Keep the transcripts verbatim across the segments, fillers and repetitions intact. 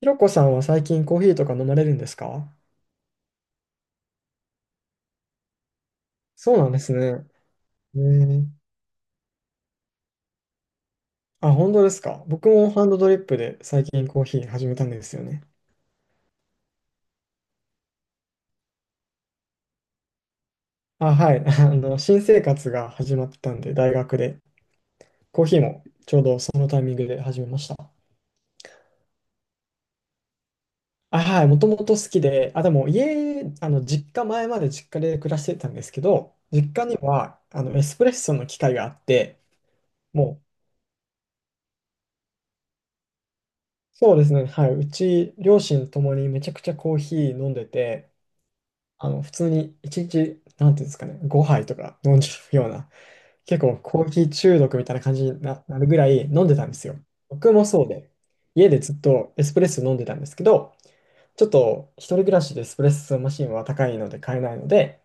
ひろこさんは最近コーヒーとか飲まれるんですか？そうなんですね。えー、あ、本当ですか。僕もハンドドリップで最近コーヒー始めたんですよね。あ、はい。あの、新生活が始まったんで、大学で。コーヒーもそのタイミングで始めました。あ、はい。もともと好きで、あ、でも家、あの、実家、前まで実家で暮らしてたんですけど、実家には、あの、エスプレッソの機械があって、もう、そうですね。はい。うち、両親ともにめちゃくちゃコーヒー飲んでて、あの、普通に一日、なんていうんですかね、ごはいとか飲んじゃうような、結構コーヒー中毒みたいな感じにな、なるぐらい飲んでたんですよ。僕もそうで、家でずっとエスプレッソ飲んでたんですけど、ちょっと一人暮らしでエスプレッソマシンは高いので買えないので、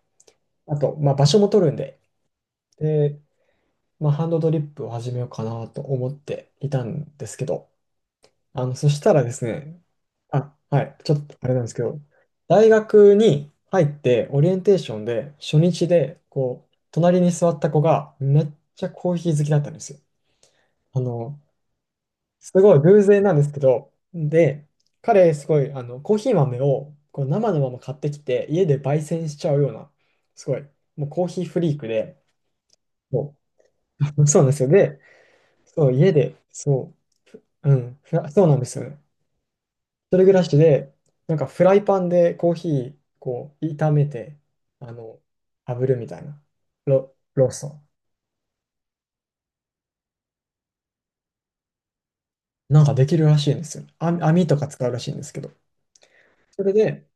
あと、まあ、場所も取るんで、で、まあ、ハンドドリップを始めようかなと思っていたんですけど、あの、そしたらですね、あ、はい、ちょっとあれなんですけど、大学に入ってオリエンテーションで初日で、こう、隣に座った子がめっちゃコーヒー好きだったんですよ。あの、すごい偶然なんですけど、で、彼すごい、あの、コーヒー豆をこう生のまま買ってきて、家で焙煎しちゃうような、すごい、もうコーヒーフリークで、そう そうなんですよ。で、そう、家で、そう、うん、ふらそうなんですよ。一人暮らしで、なんかフライパンでコーヒー、こう、炒めて、あの、炙るみたいな、ロ、ローソン。なんかできるらしいんですよ。あ、網とか使うらしいんですけど。それで、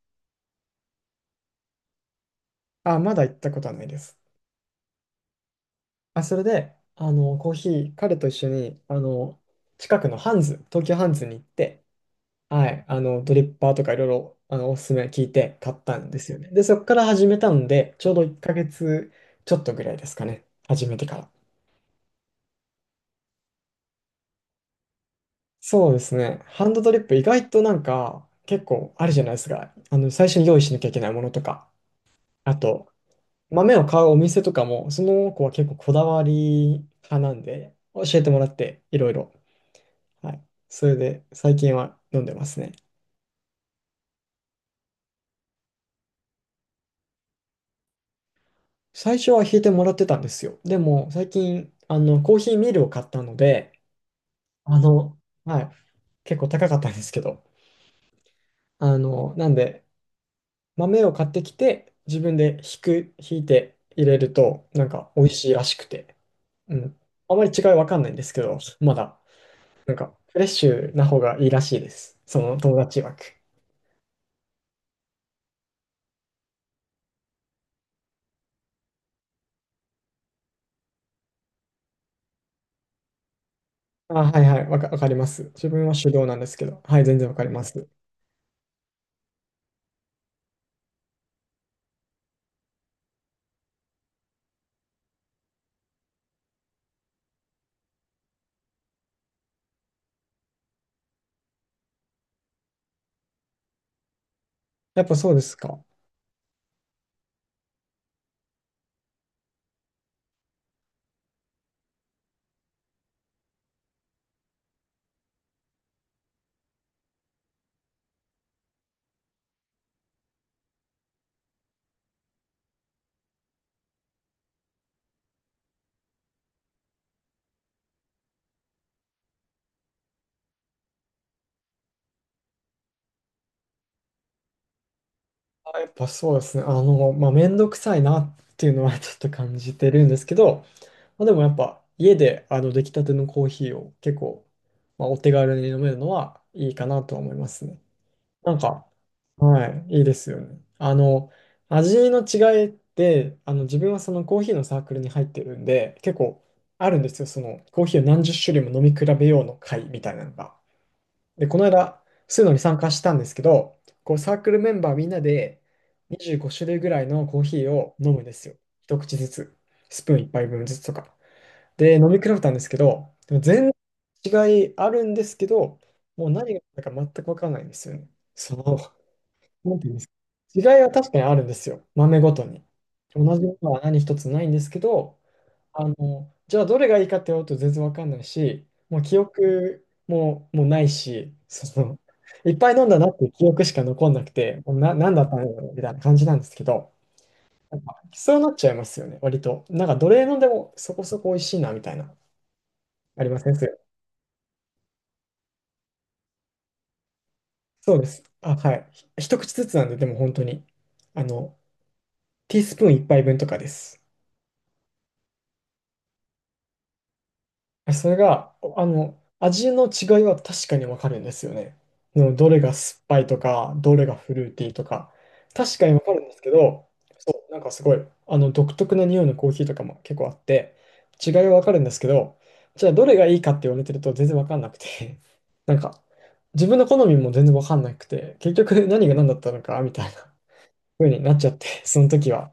あ、まだ行ったことはないです。あ、それで、あの、コーヒー、彼と一緒に、あの、近くのハンズ、東京ハンズに行って、はい、あの、ドリッパーとかいろいろ、あの、おすすめ聞いて買ったんですよね。で、そこから始めたので、ちょうどいっかげつちょっとぐらいですかね。始めてから。そうですね。ハンドドリップ意外となんか結構あるじゃないですか。あの、最初に用意しなきゃいけないものとか。あと、豆を買うお店とかも、その子は結構こだわり派なんで、教えてもらっていろいろ。はい。それで最近は飲んでますね。最初は引いてもらってたんですよ。でも最近、あの、コーヒーミルを買ったので、あの、はい。結構高かったんですけど、あの、なんで、豆を買ってきて、自分でひく、ひいて入れると、なんか美味しいらしくて。うん。あまり違いわかんないんですけど、まだ、なんかフレッシュな方がいいらしいです。その友達曰く。あ、はいはい、わか、わかります。自分は手動なんですけど、はい、全然わかります。やっぱそうですか。やっぱそうですね。あの、まあ、めんどくさいなっていうのは ちょっと感じてるんですけど、まあ、でもやっぱ家であの出来たてのコーヒーを結構、まあ、お手軽に飲めるのはいいかなとは思いますね。なんか、はい、いいですよね。あの、味の違いって、あの、自分はそのコーヒーのサークルに入ってるんで、結構あるんですよ。そのコーヒーを何十種類も飲み比べようの会みたいなのが。で、この間、スーノのに参加したんですけど、こうサークルメンバーみんなでにじゅうご種類ぐらいのコーヒーを飲むんですよ。一口ずつ。スプーンいっぱいぶんずつとか。で、飲み比べたんですけど、でも全然違いあるんですけど、もう何が何だか全く分からないんですよね。そう。なんていうんですか。違いは確かにあるんですよ。豆ごとに。同じものは何一つないんですけど、あの、じゃあどれがいいかって言われると全然わかんないし、もう記憶も、もうないし、その、いっぱい飲んだなっていう記憶しか残んなくて、もうな、なんだったんだろうみたいな感じなんですけど、なんか、きそうなっちゃいますよね、割と。なんか、どれ飲んでもそこそこ美味しいな、みたいな。ありません、それ。そうです。あ、はい。ひ一口ずつなんで、でも本当に。あの、ティースプーン一杯分とかです。それが、あの、味の違いは確かにわかるんですよね。うんどれが酸っぱいとか、どれがフルーティーとか、確かにわかるんですけど、そう、なんかすごい、あの、独特な匂いのコーヒーとかも結構あって、違いはわかるんですけど、じゃあどれがいいかって言われてると全然わかんなくて、なんか、自分の好みも全然わかんなくて、結局何が何だったのか、みたいな風になっちゃって、その時は。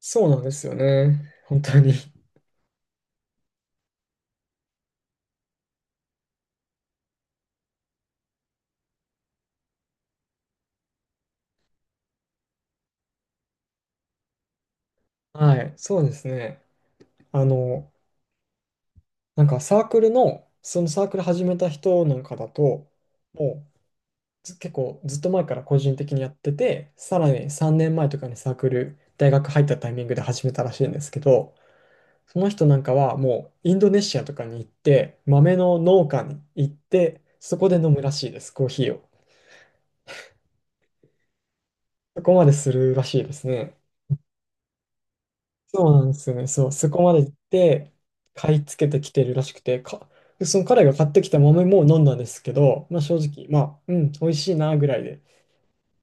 そうなんですよね。本当に。はい、そうですね。あの、なんかサークルの、そのサークル始めた人なんかだと、もうず結構ずっと前から個人的にやってて、さらにさんねんまえとかにサークル、大学入ったタイミングで始めたらしいんですけど、その人なんかはもうインドネシアとかに行って、豆の農家に行って、そこで飲むらしいです、コーヒーを。そこまでするらしいですね。そうなんですよね。そう、そこまで行って、買い付けてきてるらしくて、か、でその彼が買ってきた豆も飲んだんですけど、まあ正直、まあ、うん、美味しいなぐらいで、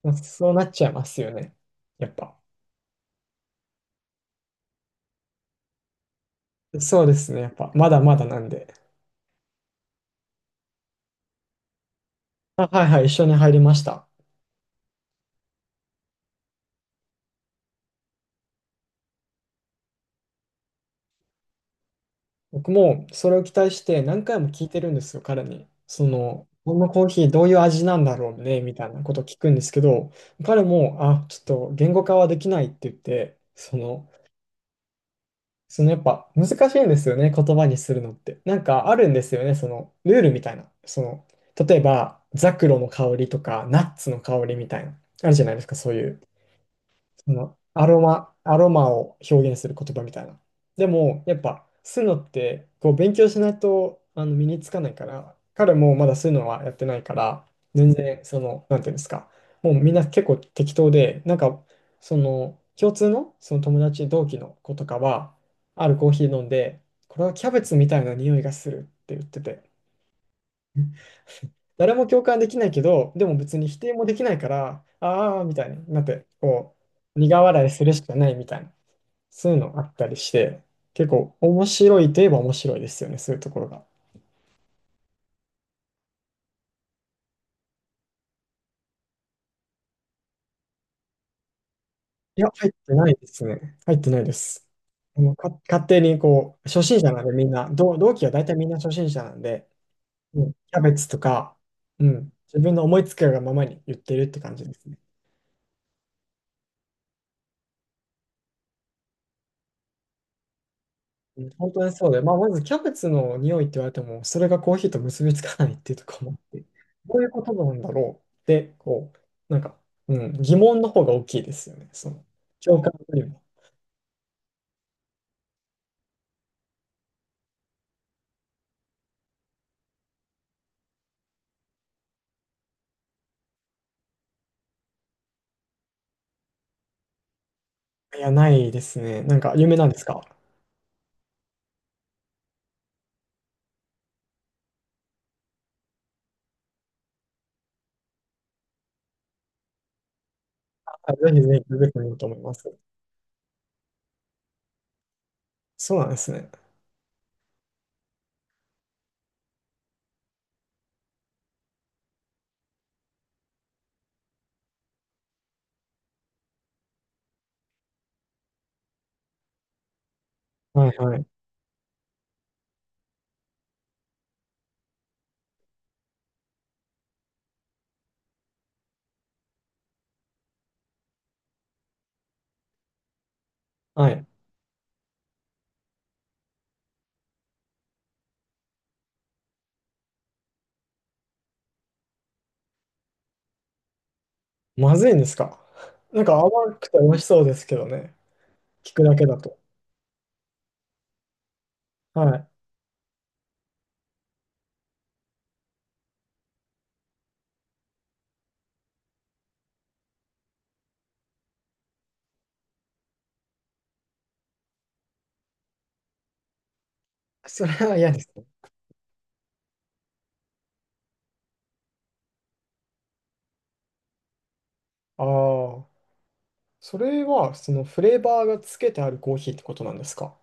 まあ、そうなっちゃいますよね。やっぱ。そうですね。やっぱ、まだまだなんで。あ、はいはい、一緒に入りました。僕もそれを期待して何回も聞いてるんですよ、彼に。その、このコーヒーどういう味なんだろうね、みたいなことを聞くんですけど、彼も、あ、ちょっと言語化はできないって言って、その、その、やっぱ難しいんですよね、言葉にするのって。なんかあるんですよね、そのルールみたいな。その、例えば、ザクロの香りとか、ナッツの香りみたいな。あるじゃないですか、そういう。そのアロマ、アロマを表現する言葉みたいな。でも、やっぱ、吸うのって、こう、勉強しないと、あの、身につかないから、彼もまだ吸うのはやってないから、全然、その、なんていうんですか、もうみんな結構適当で、なんか、その、共通の、その友達、同期の子とかは、あるコーヒー飲んで、これはキャベツみたいな匂いがするって言ってて、誰も共感できないけど、でも別に否定もできないから、ああ、みたいになって、こう、苦笑いするしかないみたいな。そういうのあったりして、結構面白いといえば面白いですよね、そういうところが。いや、入ってないですね。入ってないです。あの、か、勝手にこう、初心者なんでみんな、同、同期は大体みんな初心者なんで、うん、キャベツとか、うん、自分の思いつくがままに言ってるって感じですね。うん、本当にそうで、まあ、まずキャベツの匂いって言われても、それがコーヒーと結びつかないっていうところもあって、どういうことなんだろうって、こう、なんか、うん、疑問の方が大きいですよね。その、共感よりも。いや、ないですね。なんか、有名なんですか？ あぜひぜひ、ググってみようと思います。そうなんですね。はいはい。はい。まずいんですか？ なんか甘くて美味しそうですけどね。聞くだけだと。はい。それは嫌ですね。ああ、それは、そのフレーバーがつけてあるコーヒーってことなんですか？